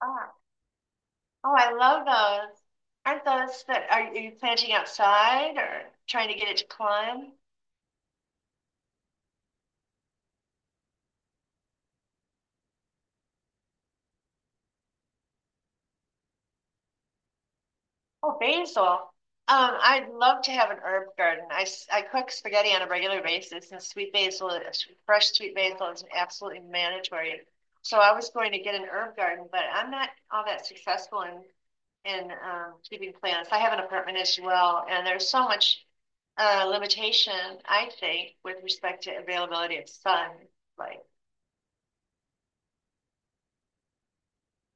Ah, oh, I love those. Aren't those are you planting outside or trying to get it to climb? Oh, basil. I'd love to have an herb garden. I cook spaghetti on a regular basis, and fresh sweet basil is absolutely mandatory. So I was going to get an herb garden, but I'm not all that successful in keeping plants. I have an apartment as well, and there's so much limitation, I think, with respect to availability of sun, like.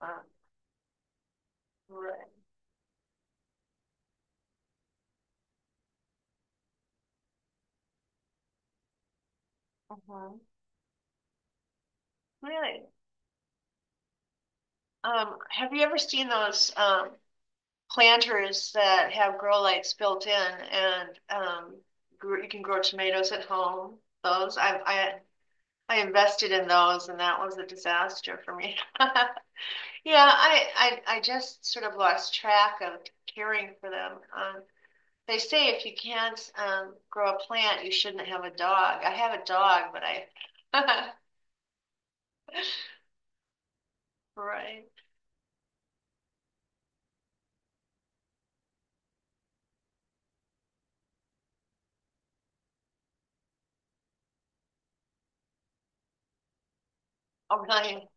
uh, Right. Uh-huh. Really? Have you ever seen those planters that have grow lights built in and you can grow tomatoes at home? Those. I invested in those and that was a disaster for me. Yeah, I just sort of lost track of caring for them. They say if you can't grow a plant, you shouldn't have a dog. I have a dog, but I Right. Oh, really?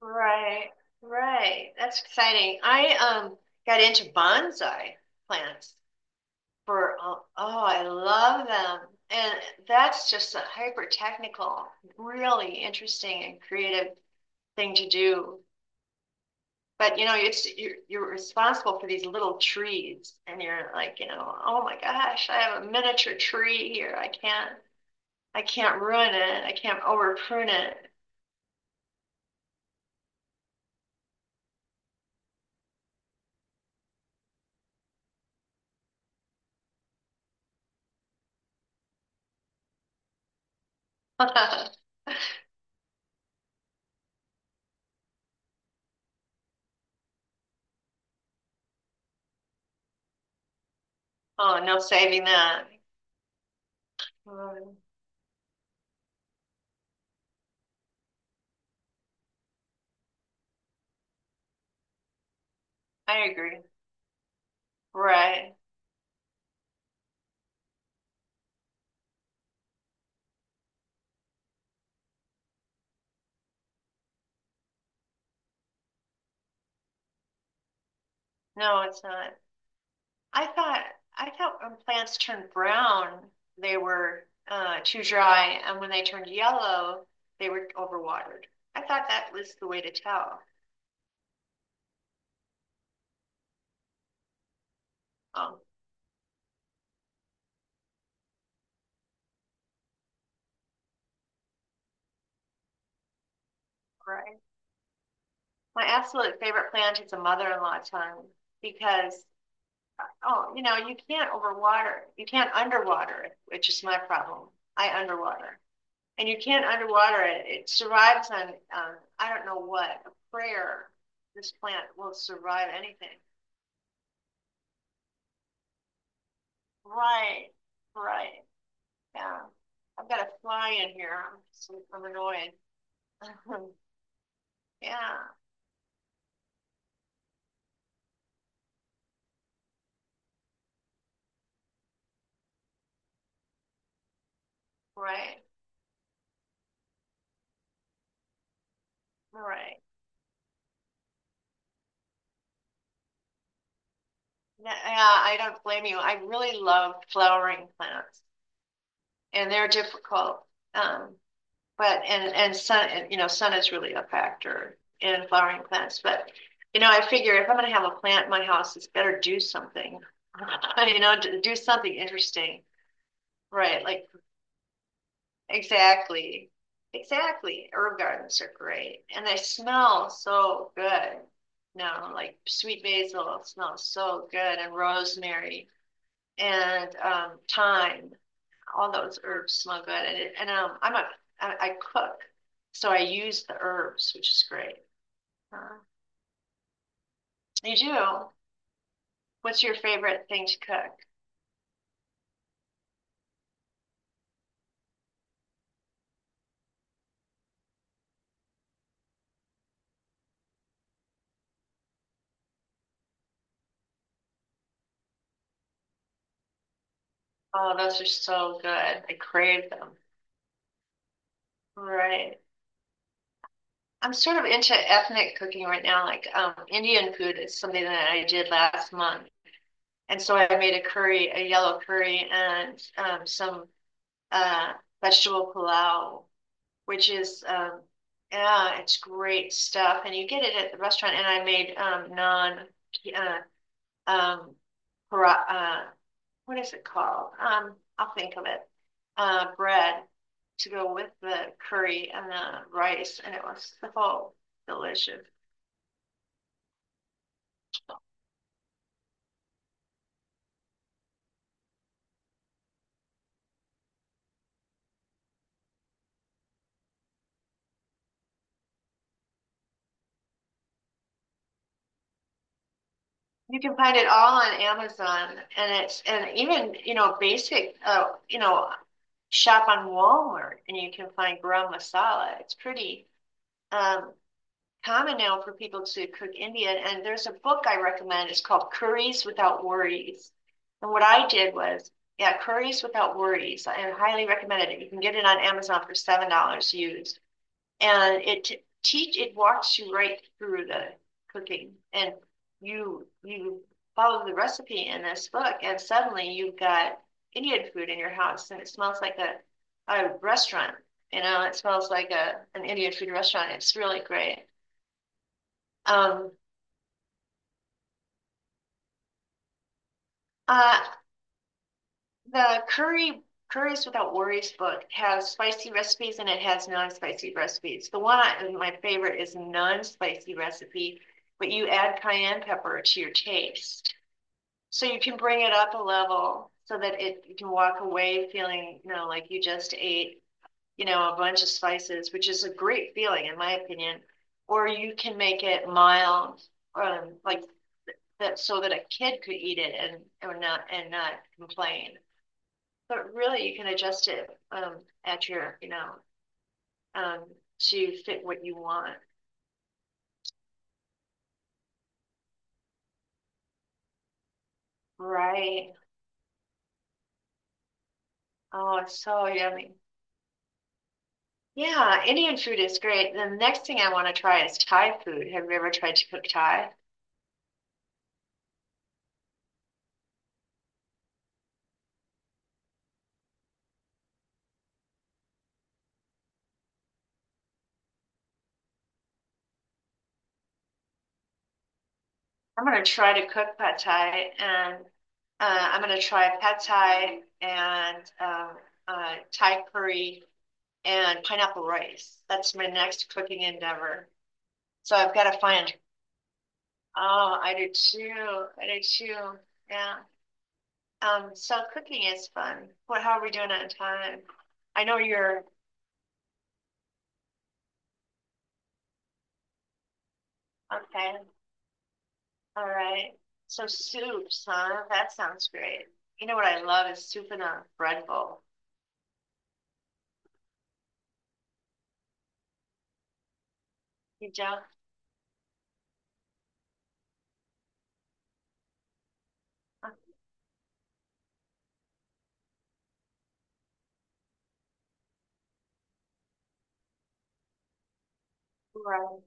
Right, right. That's exciting. I um got into bonsai plants for oh, I love them. And that's just a hyper technical, really interesting and creative thing to do. But you know, it's you're responsible for these little trees and you're like, you know, oh my gosh, I have a miniature tree here. I can't ruin it. I can't over prune it. Oh, no saving that. I agree. Right. No, it's not. I thought I thought when plants turned brown, they were too dry, and when they turned yellow, they were overwatered. I thought that was the way to tell. Um, right. My absolute favorite plant is a mother-in-law tongue because oh, you know, you can't overwater. You can't underwater it, which is my problem. I underwater. And you can't underwater it. It survives on, I don't know what, a prayer. This plant will survive anything. Right, right. Yeah. I've got a fly in here. I'm annoyed. Yeah, right, right. Yeah, I don't blame you. I really love flowering plants, and they're difficult. Um, But and sun and, you know, sun is really a factor in flowering plants. But you know, I figure if I'm going to have a plant in my house, it's better do something. You know, do something interesting. Right, like exactly, exactly. Herb gardens are great, and they smell so good. No, like sweet basil smells so good, and rosemary and thyme, all those herbs smell good. And, it, and I'm a, I cook, so I use the herbs, which is great. Uh, you do. What's your favorite thing to cook? Oh, those are so good. I crave them. Right. I'm sort of into ethnic cooking right now. Like Indian food is something that I did last month, and so I made a curry, a yellow curry, and some uh, vegetable pilau, which is yeah, it's great stuff, and you get it at the restaurant. And I made non uh, um, para, what is it called? I'll think of it. Bread to go with the curry and the rice, and it was so delicious. You can find it all on Amazon, and it's, and even you know, basic, you know, shop on Walmart, and you can find garam masala. It's pretty. Um, Common now for people to cook Indian. And there's a book I recommend. It's called Curries Without Worries. And what I did was, yeah, Curries Without Worries. I highly recommend it. You can get it on Amazon for $7 used, and it walks you right through the cooking, and you follow the recipe in this book, and suddenly you've got Indian food in your house, and it smells like a restaurant. You know, it smells like a an Indian food restaurant. It's really great. Um, uh, the curry, Curries Without Worries book has spicy recipes and it has non-spicy recipes. My favorite is non-spicy recipe, but you add cayenne pepper to your taste. So you can bring it up a level so that it you can walk away feeling, you know, like you just ate, you know, a bunch of spices, which is a great feeling in my opinion. Or you can make it mild, um, like that, so that a kid could eat it and or not, and not complain. But really, you can adjust it at your, you know, um, to fit what you want. Right. Oh, it's so yummy. Yeah, Indian food is great. The next thing I want to try is Thai food. Have you ever tried to cook Thai? I'm going to try to cook pad Thai, and I'm going to try pad Thai and Thai curry and pineapple rice. That's my next cooking endeavor. So I've got to find, oh, I do too. I do too. Yeah. So cooking is fun. What, how are we doing on time? I know you're, okay. All right. So soups, huh? That sounds great. You know what I love is soup in a bread bowl. You don't? uh, Right.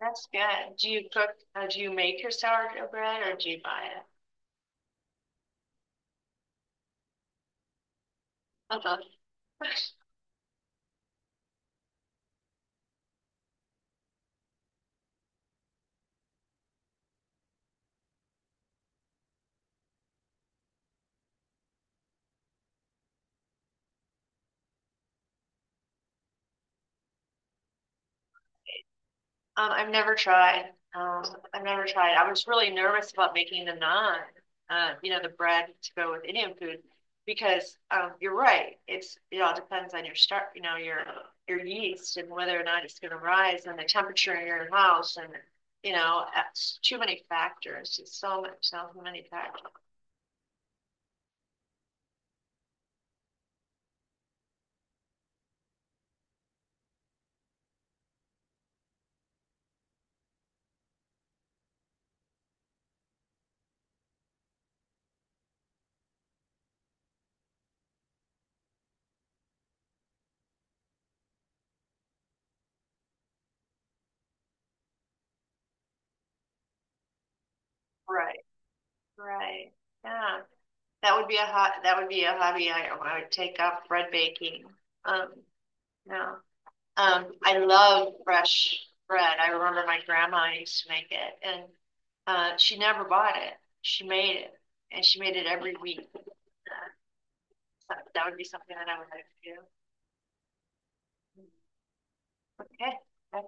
That's good. Do you cook, do you make your sourdough bread or do you buy it? Uh-huh. Um, I've never tried. Um, I've never tried. I was really nervous about making the naan, you know, the bread to go with Indian food, because you're right. It's, it all depends on your start, you know, your yeast and whether or not it's going to rise and the temperature in your house and you know, it's too many factors. It's so much, so many factors. Right. Right. Yeah. That would be a hot. That would be a hobby I would take up bread baking. Um, no. I love fresh bread. I remember my grandma used to make it, and she never bought it. She made it, and she made it every week. Uh, so that would be something that I would like to do. Okay, that's